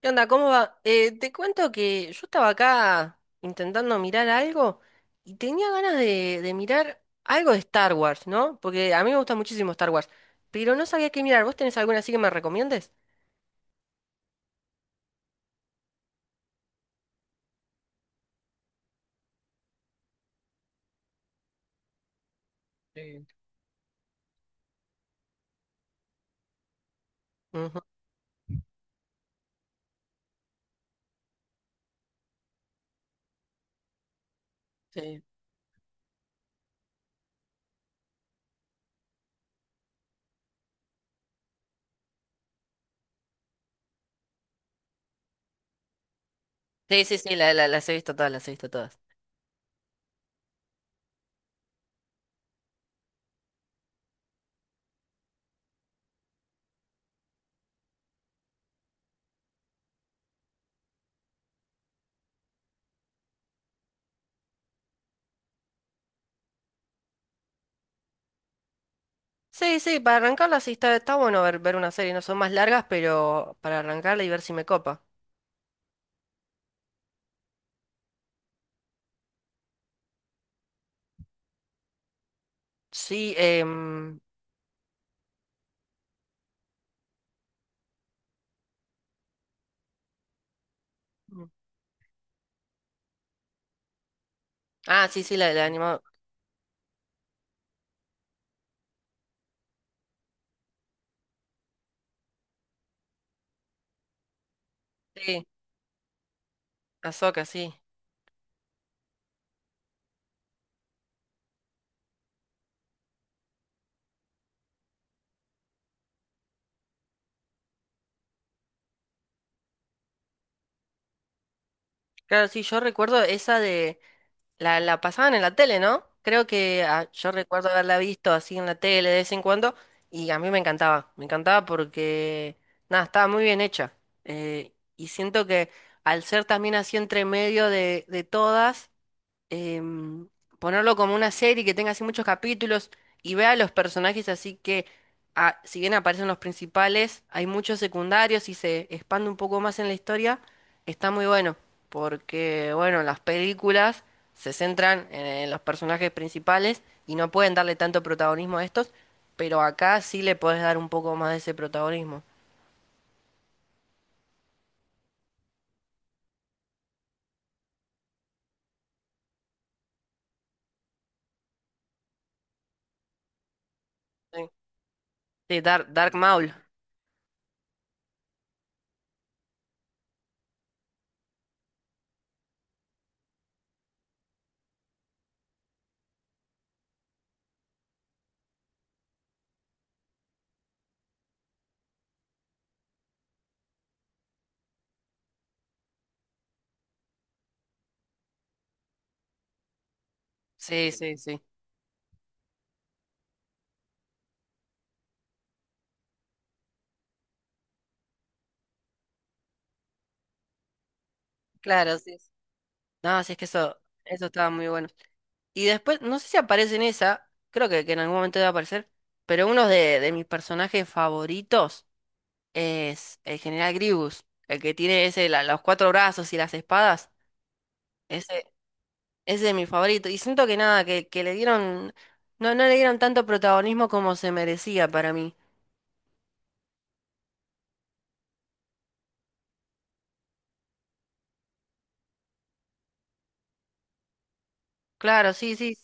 ¿Qué onda? ¿Cómo va? Te cuento que yo estaba acá intentando mirar algo y tenía ganas de mirar algo de Star Wars, ¿no? Porque a mí me gusta muchísimo Star Wars, pero no sabía qué mirar. ¿Vos tenés alguna así que me recomiendes? Ujú. Sí, sí, sí, sí, las he visto todas, las he visto todas. Sí, sí, para arrancarla sí está, está bueno ver, ver una serie, no son más largas, pero para arrancarla y ver si me copa. Sí, mm. Ah, sí, sí, la animada. Sí, Ahsoka, sí. Claro, sí, yo recuerdo esa de, la pasaban en la tele, ¿no? Creo que yo recuerdo haberla visto así en la tele de vez en cuando, y a mí me encantaba porque, nada, estaba muy bien hecha. Y siento que al ser también así entre medio de todas, em, ponerlo como una serie que tenga así muchos capítulos y vea los personajes así que si bien aparecen los principales, hay muchos secundarios y se expande un poco más en la historia, está muy bueno, porque bueno, las películas se centran en los personajes principales y no pueden darle tanto protagonismo a estos, pero acá sí le podés dar un poco más de ese protagonismo. Sí, sí, Dark Maul. Sí, sí, sí. Claro, sí. Sí. No, sí, es que eso estaba muy bueno. Y después, no sé si aparece en esa, creo que en algún momento debe aparecer, pero uno de mis personajes favoritos es el general Grievous, el que tiene ese, los cuatro brazos y las espadas. Ese, ese es mi favorito. Y siento que nada, que le dieron, no, no le dieron tanto protagonismo como se merecía para mí. Claro, sí, sí.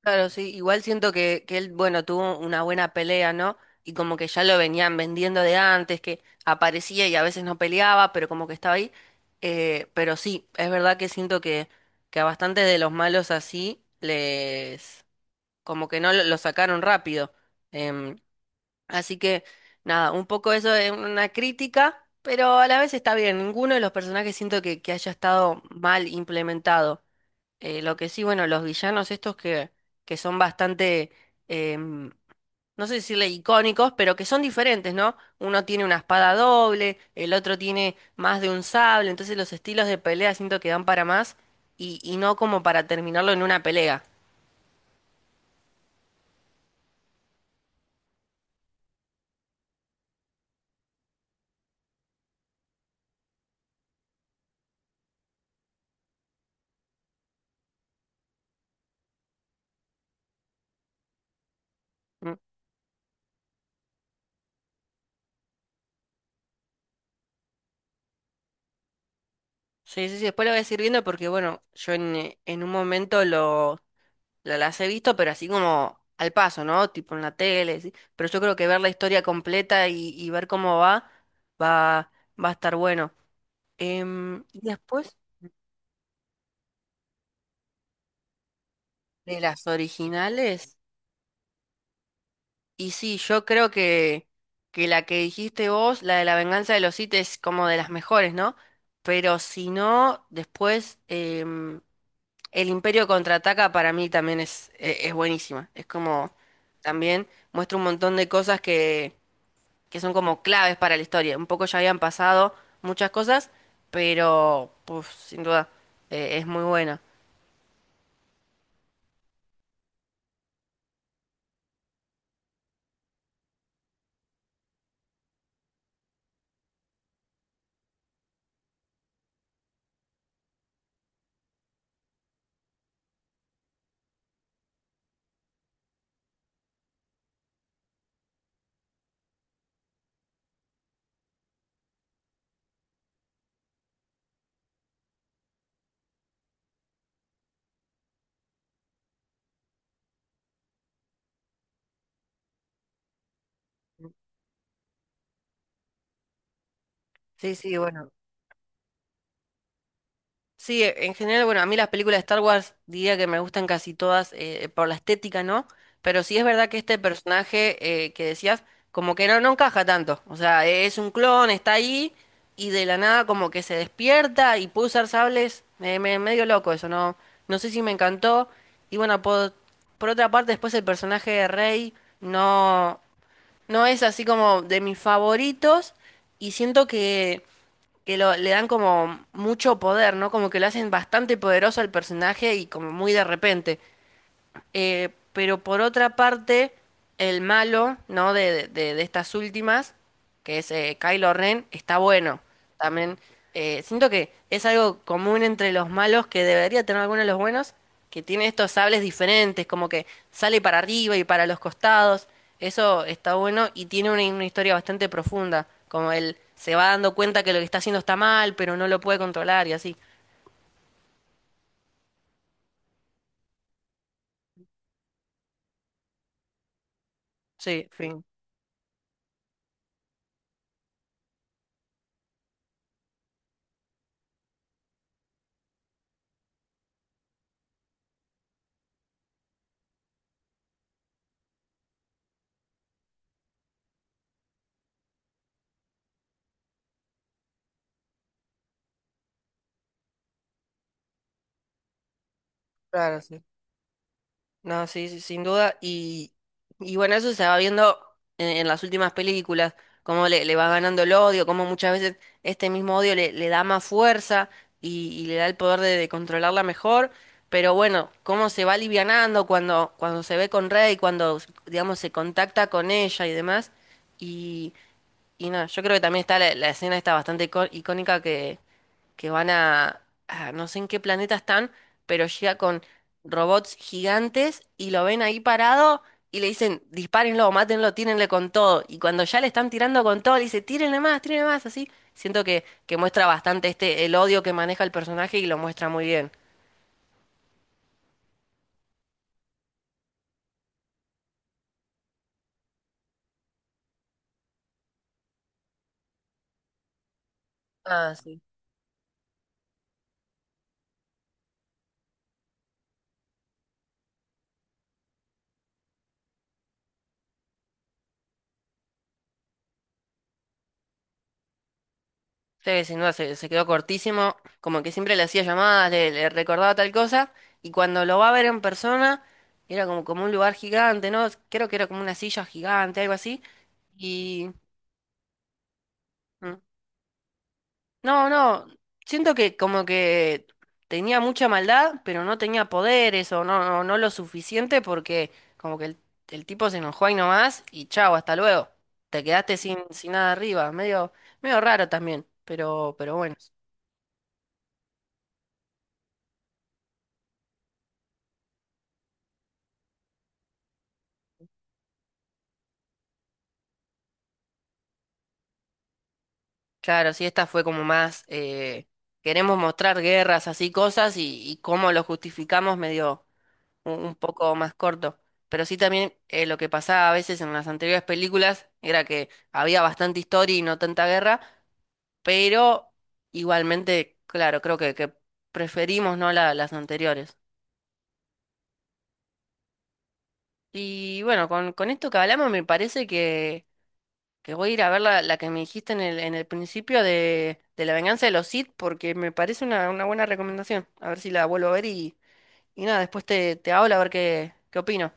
Claro, sí, igual siento que él, bueno, tuvo una buena pelea, ¿no? Y como que ya lo venían vendiendo de antes, que aparecía y a veces no peleaba, pero como que estaba ahí. Pero sí, es verdad que siento que a bastantes de los malos así les... como que no lo, lo sacaron rápido. Em, Así que, nada, un poco eso es una crítica, pero a la vez está bien. Ninguno de los personajes siento que haya estado mal implementado. Lo que sí, bueno, los villanos estos que son bastante, em, no sé decirle icónicos, pero que son diferentes, ¿no? Uno tiene una espada doble, el otro tiene más de un sable, entonces los estilos de pelea siento que dan para más y no como para terminarlo en una pelea. Mm. Sí, sí, sí, después lo voy a seguir viendo porque, bueno, yo en un momento lo, las he visto, pero así como al paso, ¿no? Tipo en la tele, ¿sí? Pero yo creo que ver la historia completa y ver cómo va, va, va a estar bueno. Y después de las originales, y sí, yo creo que la que dijiste vos, la de La Venganza de los Sith, es como de las mejores, ¿no? Pero si no, después em, El Imperio Contraataca para mí también es buenísima. Es como también muestra un montón de cosas que son como claves para la historia. Un poco ya habían pasado muchas cosas, pero puf, sin duda es muy buena. Sí, sí, bueno. Sí, en general, bueno, a mí las películas de Star Wars diría que me gustan casi todas por la estética, ¿no? Pero sí es verdad que este personaje que decías, como que no, no encaja tanto. O sea, e, es un clon, está ahí y de la nada como que se despierta y puede usar sables. Me, medio loco eso, ¿no? No sé si me encantó. Y bueno, por otra parte, después el personaje de Rey no, no es así como de mis favoritos y siento que lo, le dan como mucho poder, ¿no? Como que lo hacen bastante poderoso al personaje y como muy de repente. Pero por otra parte, el malo, ¿no? De, de estas últimas, que es Kylo Ren, está bueno. También siento que es algo común entre los malos que debería tener algunos de los buenos, que tiene estos sables diferentes, como que sale para arriba y para los costados. Eso está bueno y tiene una historia bastante profunda, como él se va dando cuenta que lo que está haciendo está mal, pero no lo puede controlar y así. Sí, fin. Claro, sí. No, sí, sí, sin duda. Y bueno, eso se va viendo en las últimas películas, cómo le, le va ganando el odio, cómo muchas veces este mismo odio le, le da más fuerza y le da el poder de controlarla mejor. Pero bueno, cómo se va alivianando cuando, cuando se ve con Rey, cuando, digamos, se contacta con ella y demás. Y, y nada, yo creo que también está la, la escena está bastante icónica que van a no sé en qué planeta están, pero llega con robots gigantes y lo ven ahí parado y le dicen, dispárenlo, mátenlo, tírenle con todo. Y cuando ya le están tirando con todo, le dice, tírenle más, así. Siento que muestra bastante este, el odio que maneja el personaje y lo muestra muy bien. Ah, sí. Sí, sin duda se, se quedó cortísimo, como que siempre le hacía llamadas, le recordaba tal cosa, y cuando lo va a ver en persona, era como, como un lugar gigante, ¿no? Creo que era como una silla gigante, algo así, y... mm, no, no, siento que como que tenía mucha maldad, pero no tenía poderes o no, no, no lo suficiente porque como que el tipo se enojó ahí nomás y chao, hasta luego. Te quedaste sin, sin nada arriba, medio, medio raro también, pero bueno. Claro, sí, esta fue como más, queremos mostrar guerras, así cosas, y cómo lo justificamos medio un poco más corto. Pero sí también lo que pasaba a veces en las anteriores películas era que había bastante historia y no tanta guerra, pero igualmente, claro, creo que preferimos no las anteriores. Y bueno, con esto que hablamos me parece que voy a ir a ver la, la que me dijiste en el principio de La Venganza de los Sith, porque me parece una buena recomendación. A ver si la vuelvo a ver y nada, después te, te hablo a ver qué, qué opino.